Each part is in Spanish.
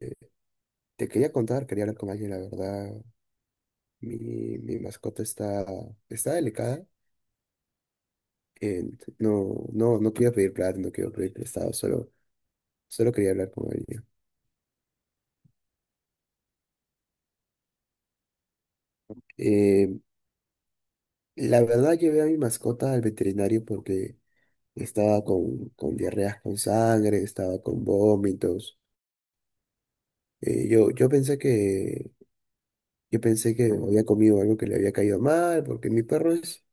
Eh, Te quería contar, quería hablar con alguien, la verdad. Mi, mi mascota está, está delicada. eh, no quería pedir plata, no quiero pedir prestado, solo quería hablar con alguien. Eh, la verdad, llevé a mi mascota al veterinario porque estaba con diarreas con sangre, estaba con vómitos. Yo pensé que, yo pensé que había comido algo que le había caído mal, porque mi perro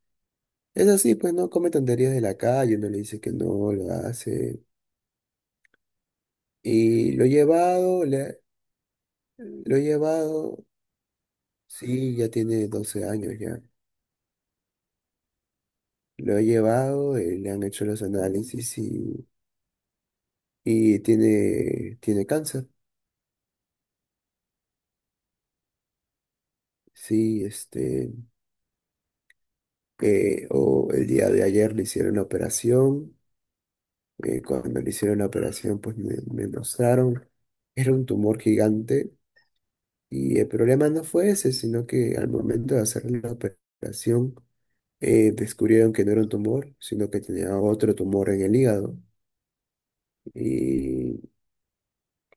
es así, pues no come tonterías de la calle, no le dice que no, lo hace. Y lo he llevado, lo he llevado, sí, ya tiene 12 años ya. Lo he llevado, le han hecho los análisis y tiene, tiene cáncer. Sí, este, o el día de ayer le hicieron la operación. Cuando le hicieron la operación, pues me mostraron, era un tumor gigante y el problema no fue ese, sino que al momento de hacer la operación, descubrieron que no era un tumor, sino que tenía otro tumor en el hígado. Y,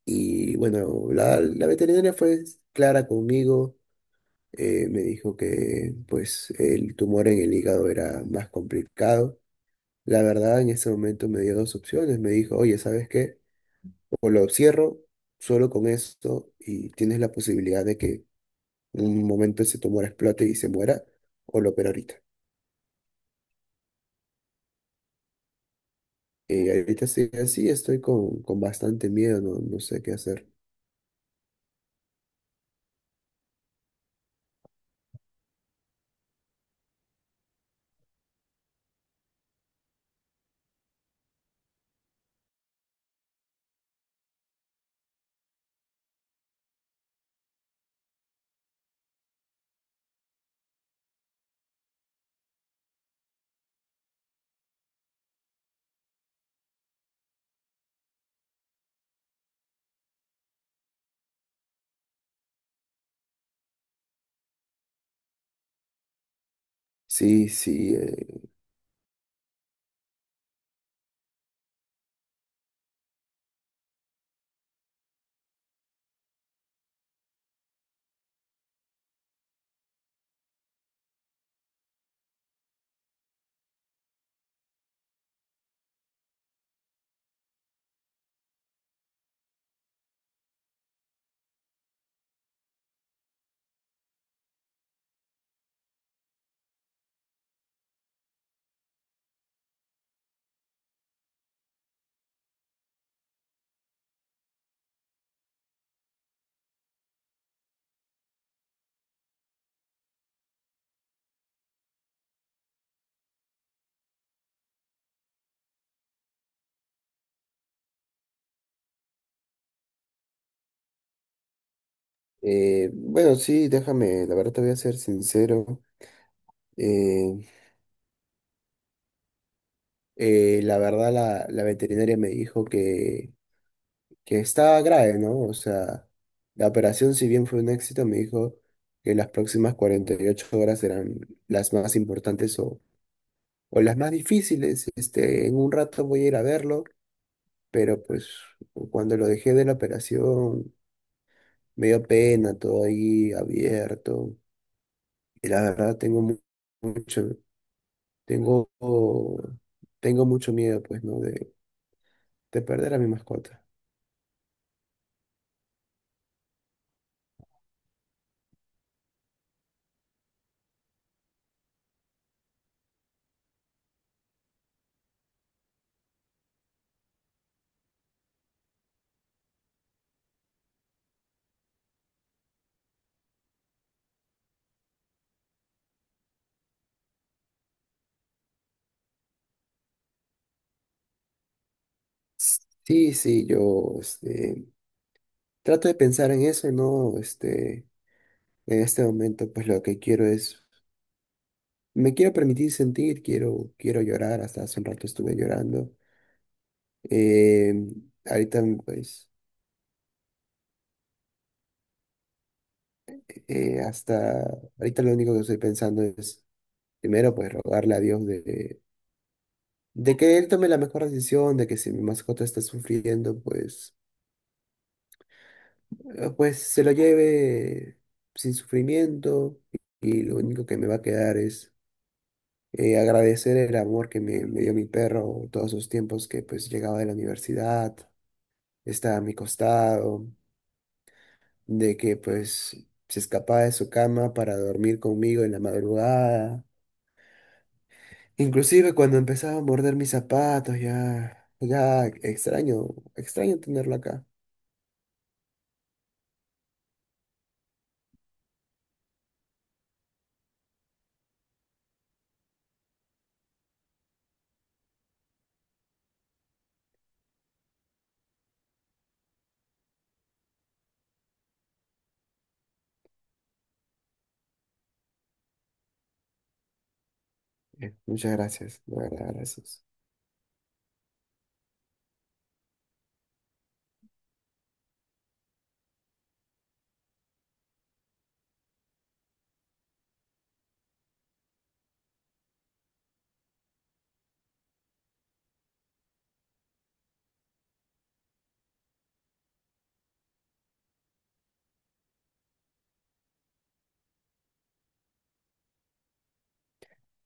y bueno, la veterinaria fue clara conmigo, me dijo que pues el tumor en el hígado era más complicado. La verdad, en ese momento me dio dos opciones, me dijo, oye, ¿sabes qué? O lo cierro solo con esto y tienes la posibilidad de que en un momento ese tumor explote y se muera, o lo opero ahorita. Ahorita estoy así, estoy con bastante miedo, no sé qué hacer. Sí, sí. Bueno, sí, déjame, la verdad te voy a ser sincero. eh, la verdad la veterinaria me dijo que estaba grave, ¿no? O sea, la operación, si bien fue un éxito, me dijo que las próximas 48 horas eran las más importantes o las más difíciles. Este, en un rato voy a ir a verlo, pero pues cuando lo dejé de la operación, me dio pena, todo ahí abierto. Y la verdad tengo mucho. Tengo, Tengo mucho miedo, pues, ¿no? De perder a mi mascota. Sí, sí, yo, este, trato de pensar en eso, ¿no? Este, en este momento, pues, lo que quiero es, me quiero permitir sentir, quiero llorar, hasta hace un rato estuve llorando. Eh, Ahorita, pues, eh, hasta, ahorita lo único que estoy pensando es, primero, pues, rogarle a Dios de que él tome la mejor decisión, de que si mi mascota está sufriendo, pues pues se lo lleve sin sufrimiento y lo único que me va a quedar es agradecer el amor que me dio mi perro todos esos tiempos que pues llegaba de la universidad, estaba a mi costado, de que pues se escapaba de su cama para dormir conmigo en la madrugada. Inclusive cuando empezaba a morder mis zapatos, ya extraño, extraño tenerlo acá. Muchas gracias, de verdad, gracias.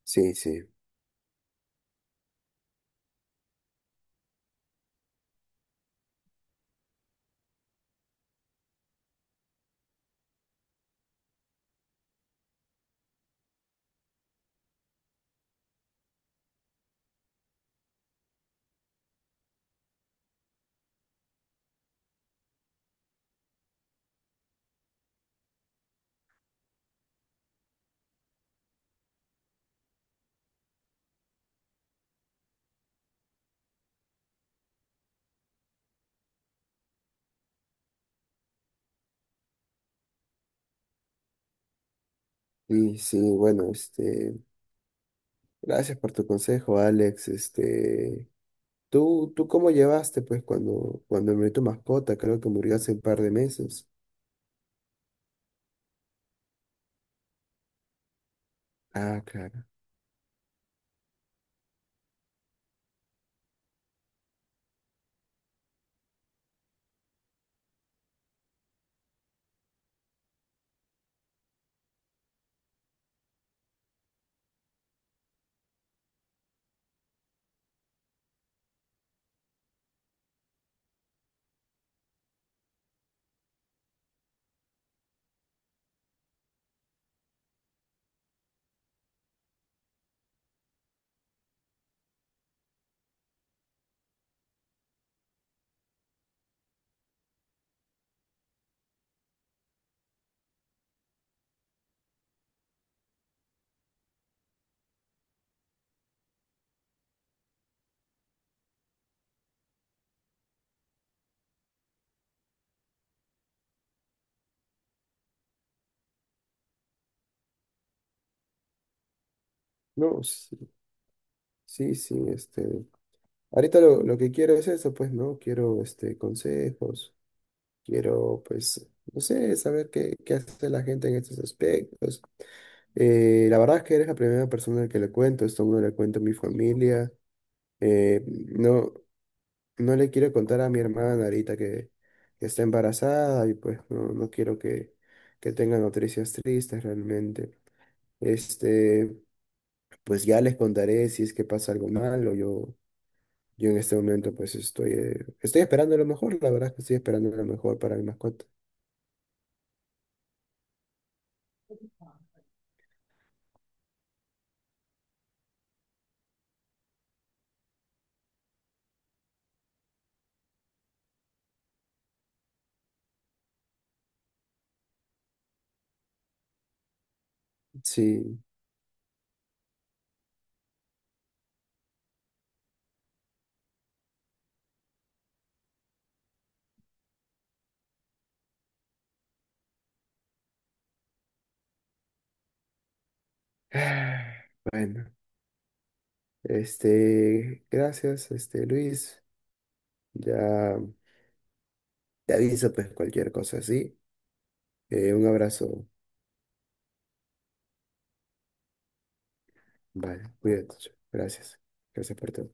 Sí, sí. Y sí, bueno, este, gracias por tu consejo, Alex. Este, tú cómo llevaste, pues, cuando, cuando murió tu mascota? Creo que murió hace un par de meses. Ah, claro. No, sí, sí, sí, este. Ahorita lo que quiero es eso, pues, ¿no? Quiero, este, consejos. Quiero, pues, no sé, saber qué, qué hace la gente en estos aspectos. La verdad es que eres la primera persona que le cuento, esto no le cuento a mi familia. No, no le quiero contar a mi hermana ahorita que está embarazada y pues no, no quiero que tenga noticias tristes realmente. Este, pues ya les contaré si es que pasa algo malo. Yo en este momento pues estoy, estoy esperando lo mejor, la verdad es que estoy esperando lo mejor para mi mascota. Sí, Ah, Bueno, este, gracias, este, Luis. Ya te aviso, pues, cualquier cosa así. Un abrazo. Vale, cuídate. Gracias. Gracias por todo.